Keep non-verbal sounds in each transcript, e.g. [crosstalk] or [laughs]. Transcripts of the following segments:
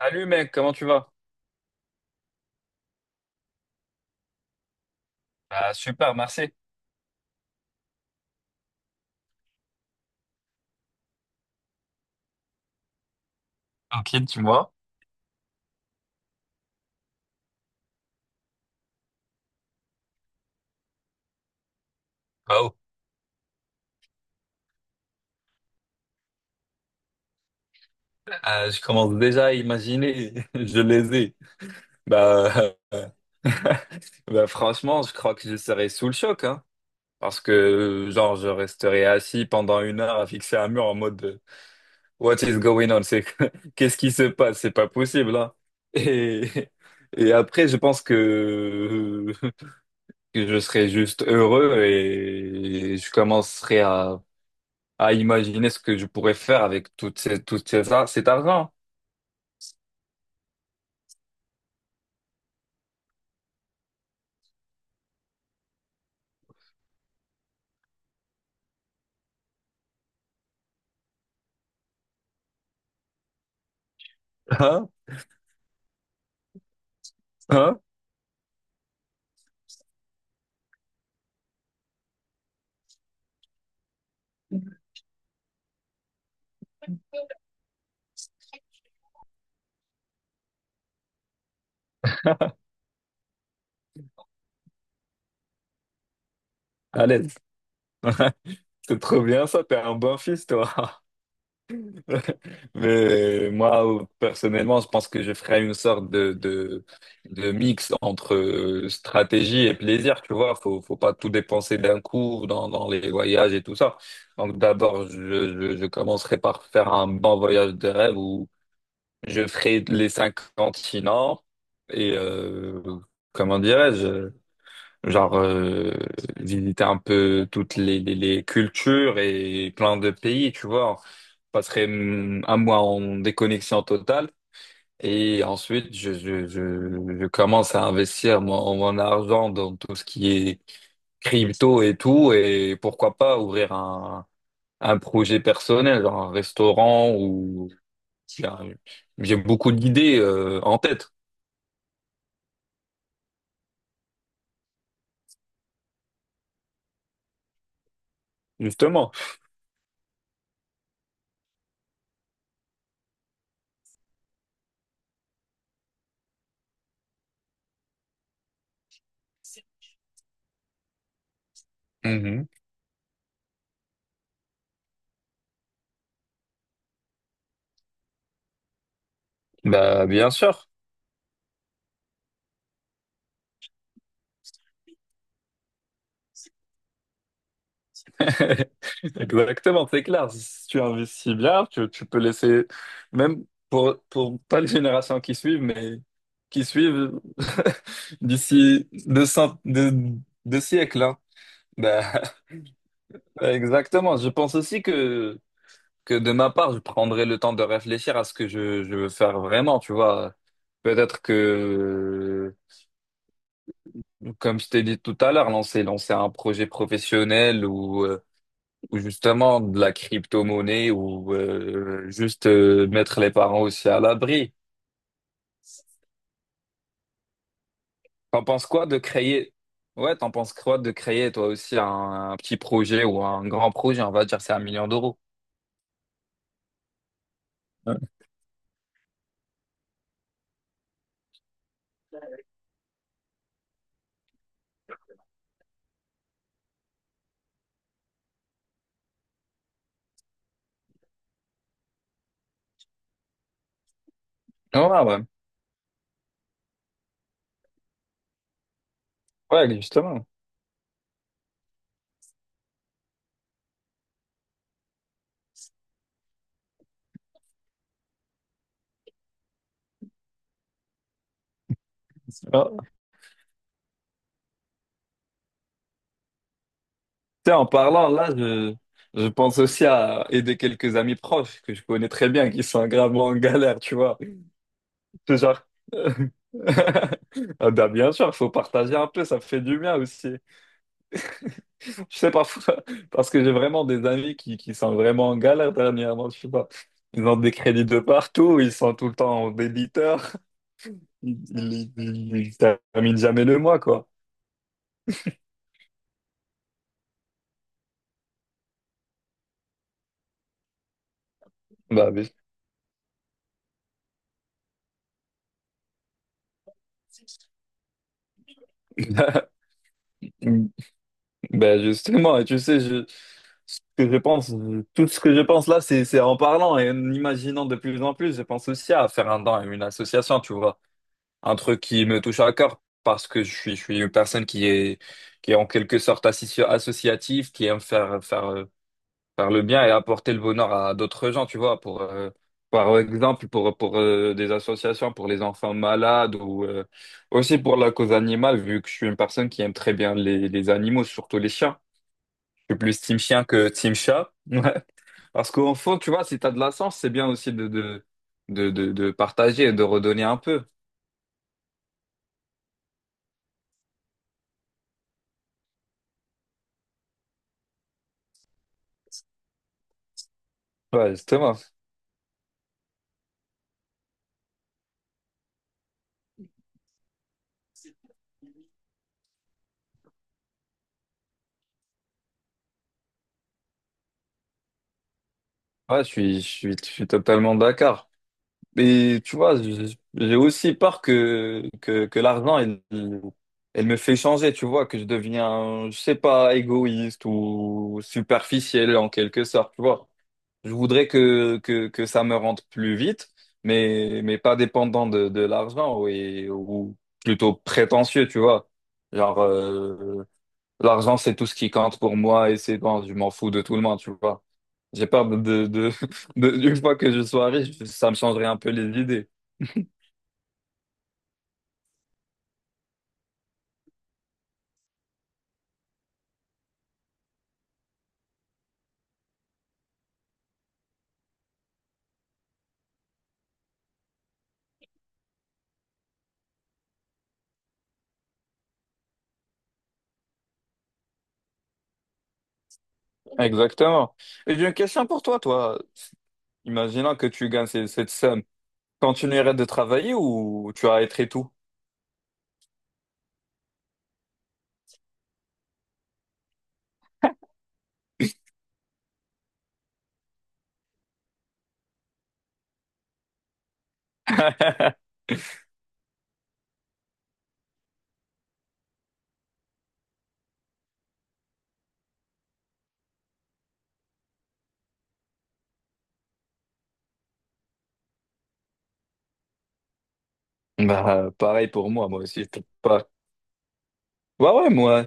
Salut mec, comment tu vas? Bah, super, merci. Tranquille, tu vois? Bah, oh. Je commence déjà à imaginer, [laughs] je les ai. Bah, euh, [laughs] Franchement, je crois que je serais sous le choc, hein, parce que genre je resterai assis pendant une heure à fixer un mur en mode What is going on? C'est [laughs] qu'est-ce qui se passe? C'est pas possible, hein. Et, [laughs] et après, je pense que, [laughs] que je serais juste heureux et je commencerai à imaginer ce que je pourrais faire avec cet argent. Hein? Hein? À l'aise. [laughs] C'est trop bien ça, t'es un bon fils, toi. [laughs] Mais moi, personnellement, je pense que je ferais une sorte de mix entre stratégie et plaisir, tu vois. Faut pas tout dépenser d'un coup dans les voyages et tout ça. Donc d'abord, je commencerai par faire un bon voyage de rêve où je ferai les 5 continents et comment dirais-je, genre euh, visiter un peu les cultures et plein de pays, tu vois. Je passerai 1 mois en déconnexion totale et ensuite je commence à investir mon argent dans tout ce qui est crypto et tout et pourquoi pas ouvrir un projet personnel, genre un restaurant. j'ai j'ai beaucoup d'idées en tête, justement. Mhm. Bah, bien sûr. [laughs] Exactement, c'est clair. Si tu investis bien, tu peux laisser, même pour pas les générations qui suivent, mais qui suivent [laughs] d'ici 2 siècles, hein. Bah, [laughs] exactement. Je pense aussi que de ma part, je prendrai le temps de réfléchir à ce que je veux faire vraiment, tu vois. Peut-être que comme je t'ai dit tout à l'heure, lancer un projet professionnel ou justement de la crypto-monnaie ou juste mettre les parents aussi à l'abri. T'en penses quoi de créer? Ouais, t'en penses quoi de créer toi aussi un petit projet ou un grand projet, on va dire, c'est 1 million d'euros. Ouais, ouais, ouais. Ouais, justement. Ah, tu sais, en parlant là, je pense aussi à aider quelques amis proches que je connais très bien qui sont gravement en galère, tu vois. C'est genre [laughs] ah bah bien sûr, il faut partager un peu, ça fait du bien aussi. Je sais parfois, [laughs] parce que j'ai vraiment des amis qui sont vraiment en galère dernièrement, je sais pas. Ils ont des crédits de partout, ils sont tout le temps en débiteur, ils terminent jamais le mois, quoi. Bah, mais- [laughs] bah justement, et tu sais, ce que je pense, tout ce que je pense là, c'est en parlant et en imaginant de plus en plus, je pense aussi à faire un don à une association, tu vois. Un truc qui me touche à cœur parce que je suis une personne qui est en quelque sorte associative, qui aime faire le bien et apporter le bonheur à d'autres gens, tu vois, par exemple, pour des associations, pour les enfants malades ou aussi pour la cause animale, vu que je suis une personne qui aime très bien les animaux, surtout les chiens. Je suis plus team chien que team chat. [laughs] Ouais. Parce qu'au fond, tu vois, si t'as de la chance, c'est bien aussi de partager et de redonner un peu. Ouais, justement. Ouais, je suis totalement d'accord. Mais tu vois, je- j'ai aussi peur que l'argent, elle, elle me fait changer, tu vois, que je deviens, je sais pas, égoïste ou superficiel en quelque sorte, tu vois. Je voudrais que ça me rentre plus vite, mais pas dépendant de l'argent et, ou plutôt prétentieux, tu vois. Genre, l'argent, c'est tout ce qui compte pour moi et c'est bon, je m'en fous de tout le monde, tu vois. J'ai peur [laughs] de- une fois que je sois riche, ça me changerait un peu les idées. Exactement. Et j'ai une question pour toi, toi. Imaginons que tu gagnes ces- cette somme. Continuerais de travailler ou tu arrêterais tout? [laughs] Bah, pareil pour moi, moi aussi, je peux pas. Bah ouais,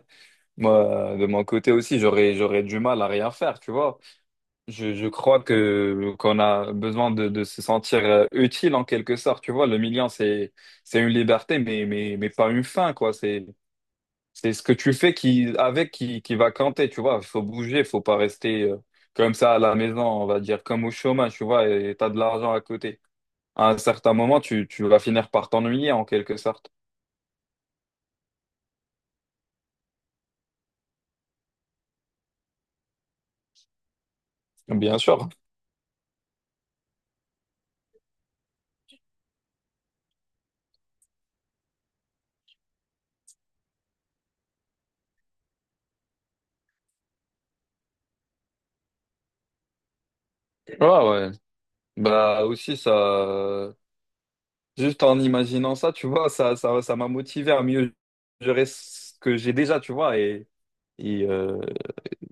moi, de mon côté aussi, j'aurais du mal à rien faire, tu vois. Je crois que qu'on a besoin de se sentir utile en quelque sorte, tu vois. Le million, c'est une liberté, mais pas une fin, quoi. C'est ce que tu fais qui, avec qui va compter, tu vois. Il faut bouger, faut pas rester comme ça à la maison, on va dire, comme au chômage, tu vois, et t'as de l'argent à côté. À un certain moment, tu vas finir par t'ennuyer en quelque sorte. Bien sûr. Ouais, ouais. Bah aussi, juste en imaginant ça, tu vois, ça m'a motivé à mieux gérer ce que j'ai déjà, tu vois, et, euh,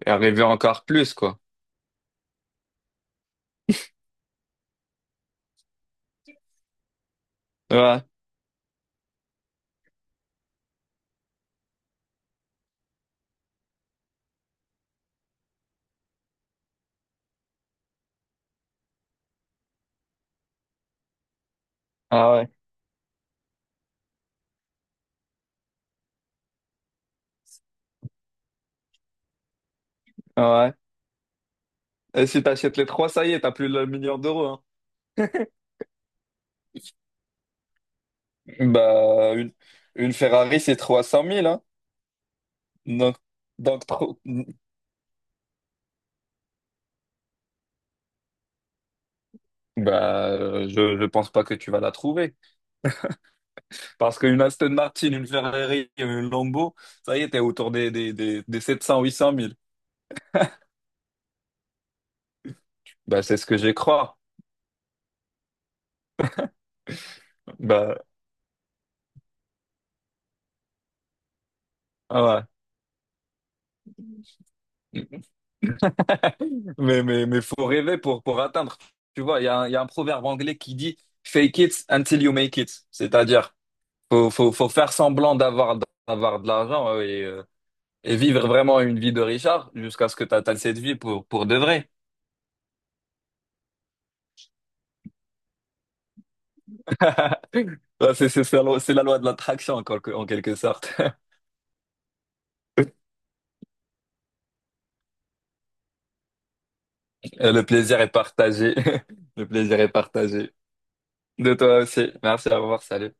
et arriver encore plus, quoi. Ouais, ah ouais, ah ouais. Et si t'achètes les trois, ça y est, t'as plus le million d'euros, hein. [laughs] Bah, une Ferrari, c'est 300 000, hein. Donc, donc Ah, trop- je ne pense pas que tu vas la trouver. Parce qu'une Aston Martin, une Ferrari, une Lambo, ça y est, t'es autour des 700, 800 000. Bah, c'est ce que j'ai crois. Bah, ah ouais. Mais faut rêver pour atteindre. Tu vois, il y a, un- il y a un proverbe anglais qui dit fake it until you make it. C'est-à-dire, faut faire semblant d'avoir, d'avoir de l'argent. Oui, et vivre vraiment une vie de Richard jusqu'à ce que tu atteignes cette vie pour de vrai. [laughs] Ouais, c'est la loi, c'est la loi de l'attraction en quelque, en quelque sorte. [laughs] Et le plaisir est partagé. [laughs] Le plaisir est partagé. De toi aussi. Merci, au revoir, salut.